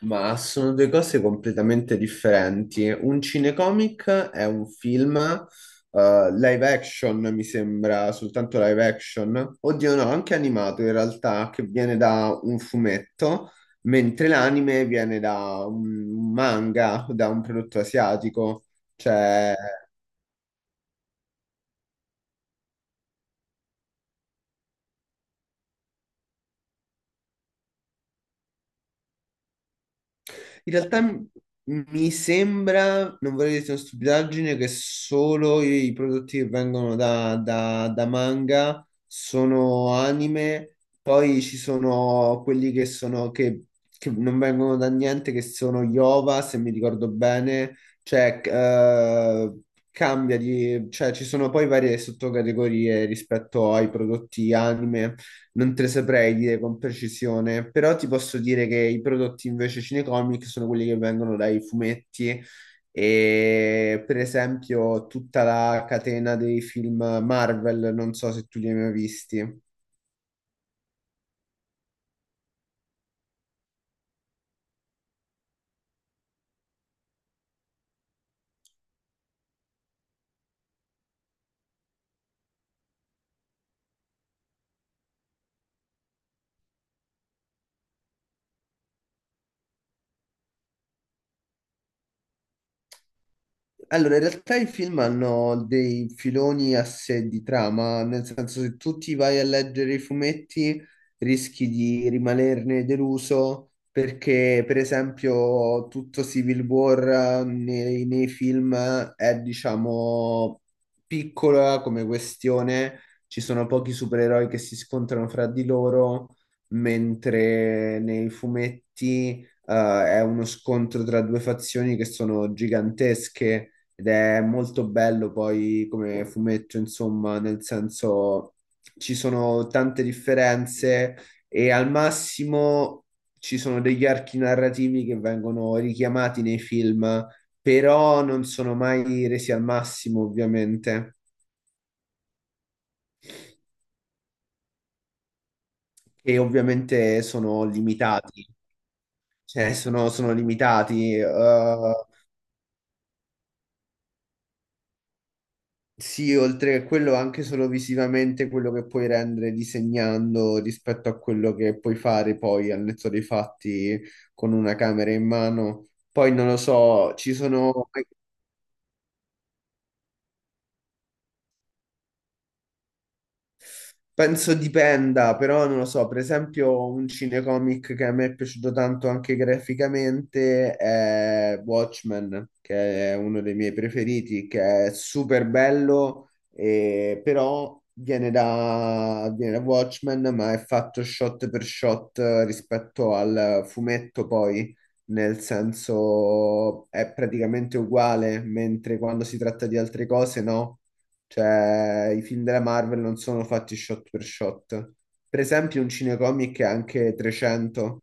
Ma sono due cose completamente differenti. Un cinecomic è un film live action, mi sembra, soltanto live action. Oddio, no, anche animato in realtà, che viene da un fumetto, mentre l'anime viene da un manga, da un prodotto asiatico. Cioè, in realtà mi sembra, non vorrei dire una stupidaggine, che solo i prodotti che vengono da manga sono anime, poi ci sono quelli che sono che non vengono da niente, che sono Yova, se mi ricordo bene, cioè cambia di, cioè ci sono poi varie sottocategorie rispetto ai prodotti anime, non te le saprei dire con precisione, però ti posso dire che i prodotti invece cinecomic sono quelli che vengono dai fumetti e per esempio tutta la catena dei film Marvel, non so se tu li hai mai visti. Allora, in realtà i film hanno dei filoni a sé di trama, nel senso se tu ti vai a leggere i fumetti rischi di rimanerne deluso perché, per esempio, tutto Civil War nei film è, diciamo, piccola come questione, ci sono pochi supereroi che si scontrano fra di loro, mentre nei fumetti, è uno scontro tra due fazioni che sono gigantesche ed è molto bello poi come fumetto, insomma, nel senso ci sono tante differenze e al massimo ci sono degli archi narrativi che vengono richiamati nei film, però non sono mai resi al massimo, ovviamente, e ovviamente sono limitati, cioè sono, limitati. Sì, oltre a quello anche solo visivamente quello che puoi rendere disegnando rispetto a quello che puoi fare poi al netto dei fatti con una camera in mano. Poi non lo so, ci sono. Penso dipenda, però non lo so, per esempio un cinecomic che a me è piaciuto tanto anche graficamente è Watchmen, che è uno dei miei preferiti, che è super bello, però viene da, Watchmen, ma è fatto shot per shot rispetto al fumetto poi, nel senso è praticamente uguale, mentre quando si tratta di altre cose no. Cioè, i film della Marvel non sono fatti shot. Per esempio, un cinecomic è anche 300.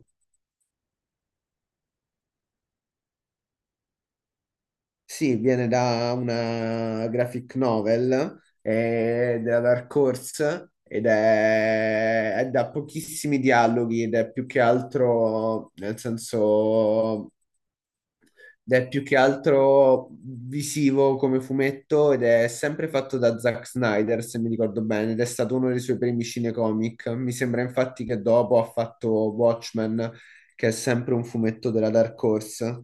Sì, viene da una graphic novel della Dark Horse ed è da pochissimi dialoghi ed è più che altro, nel senso, ed è più che altro visivo come fumetto ed è sempre fatto da Zack Snyder, se mi ricordo bene, ed è stato uno dei suoi primi cinecomic. Mi sembra infatti che dopo ha fatto Watchmen, che è sempre un fumetto della Dark Horse.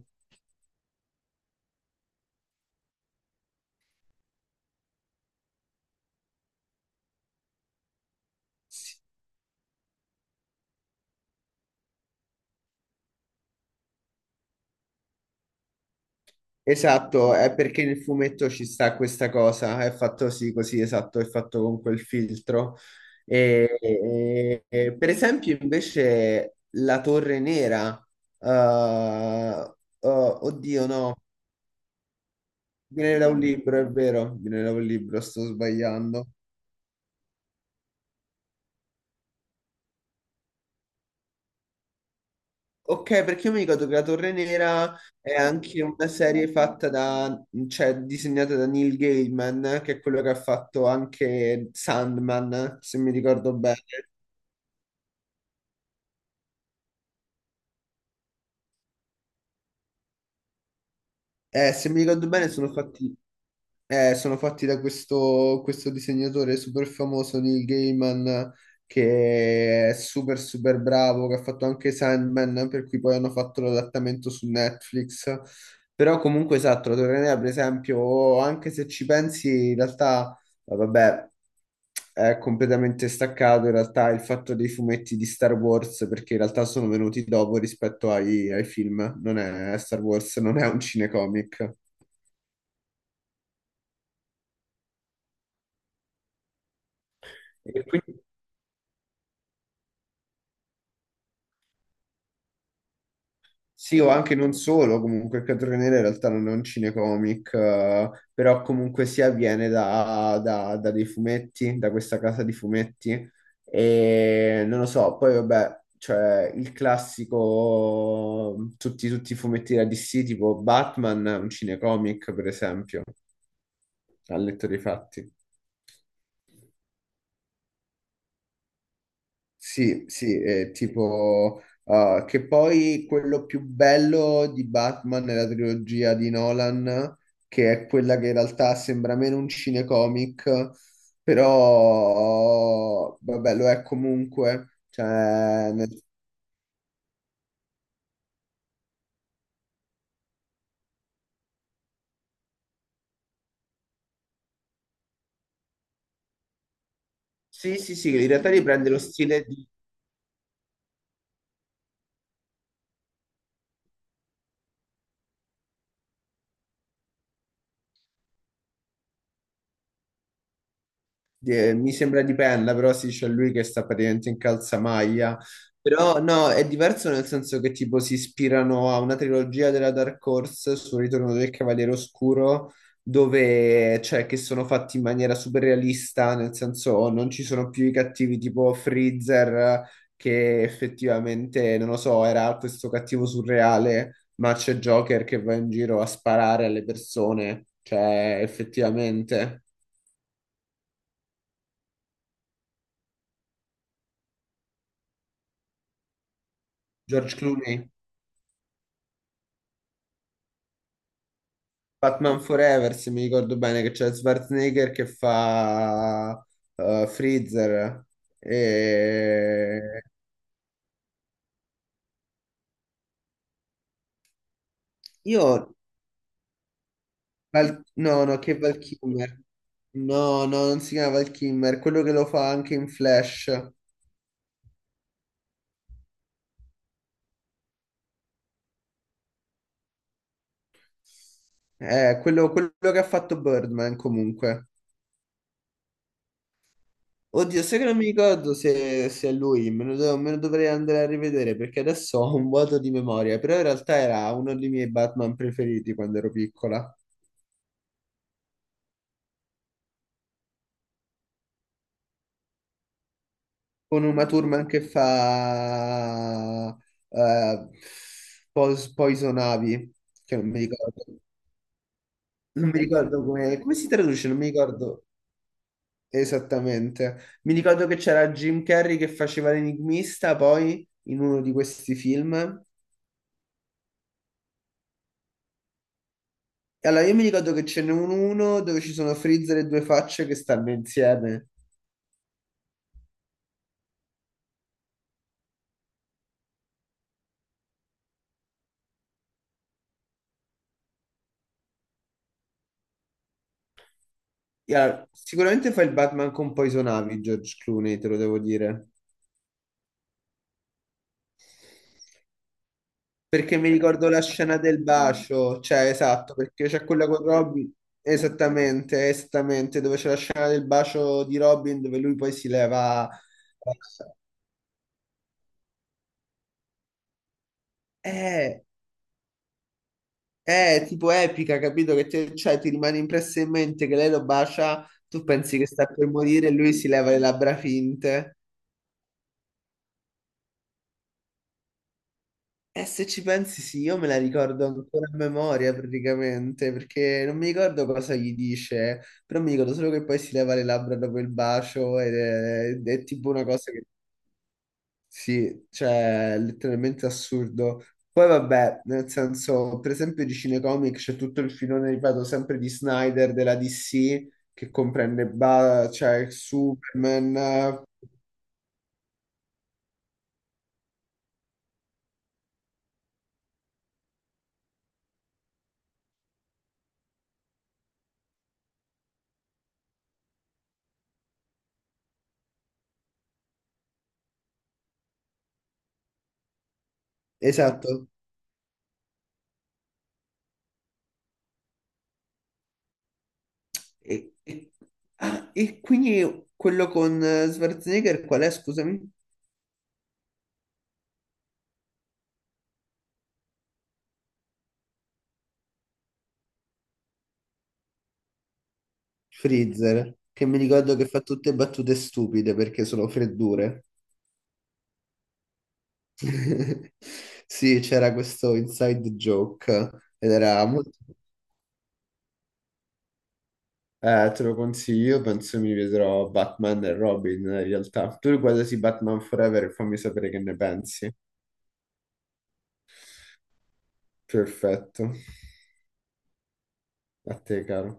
Esatto, è perché nel fumetto ci sta questa cosa, è fatto sì, così, esatto, è fatto con quel filtro. E, per esempio, invece, la Torre Nera, eh, oddio, no. Viene da un libro, è vero, viene da un libro, sto sbagliando. Ok, perché io mi ricordo che La Torre Nera è anche una serie fatta da, cioè disegnata da Neil Gaiman, che è quello che ha fatto anche Sandman, se mi ricordo bene. Se mi ricordo bene sono fatti. Sono fatti da questo, disegnatore super famoso, Neil Gaiman, che è super super bravo, che ha fatto anche Sandman, per cui poi hanno fatto l'adattamento su Netflix. Però comunque esatto, la Torre Nera, per esempio, anche se ci pensi, in realtà, vabbè, è completamente staccato in realtà il fatto dei fumetti di Star Wars, perché in realtà sono venuti dopo rispetto ai film. Non è Star Wars, non è un cinecomic. E quindi sì, o anche non solo, comunque il cartone nero in realtà non è un cinecomic, però comunque sia viene da dei fumetti, da questa casa di fumetti, e non lo so, poi vabbè, cioè il classico, tutti i fumetti da DC, tipo Batman, è un cinecomic per esempio, ha letto dei fatti. Sì, sì, è tipo che poi quello più bello di Batman nella trilogia di Nolan, che è quella che in realtà sembra meno un cinecomic, però vabbè, lo è comunque. Cioè, nel- Sì, sì, sì, in realtà riprende lo stile di. Mi sembra dipenda, però sì, c'è lui che sta praticamente in calzamaglia. Però no, è diverso nel senso che tipo si ispirano a una trilogia della Dark Horse sul ritorno del Cavaliere Oscuro, dove cioè che sono fatti in maniera super realista, nel senso non ci sono più i cattivi tipo Freezer, che effettivamente, non lo so, era questo cattivo surreale, ma c'è Joker che va in giro a sparare alle persone, cioè effettivamente. George Clooney. Batman Forever, se mi ricordo bene, che c'è Schwarzenegger che fa Freezer. E... Io... No, no, che Val Kilmer. No, no, non si chiama Val Kilmer, quello che lo fa anche in Flash. Quello, quello che ha fatto Birdman comunque. Oddio, sai che non mi ricordo se è lui, me lo, me lo dovrei andare a rivedere perché adesso ho un vuoto di memoria, però in realtà era uno dei miei Batman preferiti quando ero piccola. Con Uma Thurman che fa eh, Poison Ivy, che non mi ricordo, non mi ricordo come, si traduce, non mi ricordo esattamente. Mi ricordo che c'era Jim Carrey che faceva l'enigmista poi in uno di questi film. E allora, io mi ricordo che ce n'è un uno dove ci sono Freezer e due facce che stanno insieme. E allora, sicuramente fa il Batman con Poison Ivy, George Clooney, te lo devo dire. Perché mi ricordo la scena del bacio, cioè esatto, perché c'è quella con Robin, esattamente, esattamente, dove c'è la scena del bacio di Robin dove lui poi si leva... È, è tipo epica, capito? Che te- cioè, ti rimane impressa in mente che lei lo bacia, tu pensi che sta per morire e lui si leva le labbra finte. E se ci pensi, sì, io me la ricordo ancora a memoria praticamente, perché non mi ricordo cosa gli dice, però mi ricordo solo che poi si leva le labbra dopo il bacio ed è tipo una cosa che, sì, cioè, è letteralmente assurdo. Poi vabbè, nel senso, per esempio di cinecomic c'è tutto il filone, ripeto, sempre di Snyder, della DC, che comprende cioè, Superman, esatto. E, e- ah, e quindi quello con Schwarzenegger qual è, scusami? Freezer, che mi ricordo che fa tutte battute stupide perché sono freddure. Sì, c'era questo inside joke ed era molto... te lo consiglio, io penso mi vedrò Batman e Robin in realtà. Tu riguardati Batman Forever e fammi sapere che ne pensi. Perfetto. A te, caro.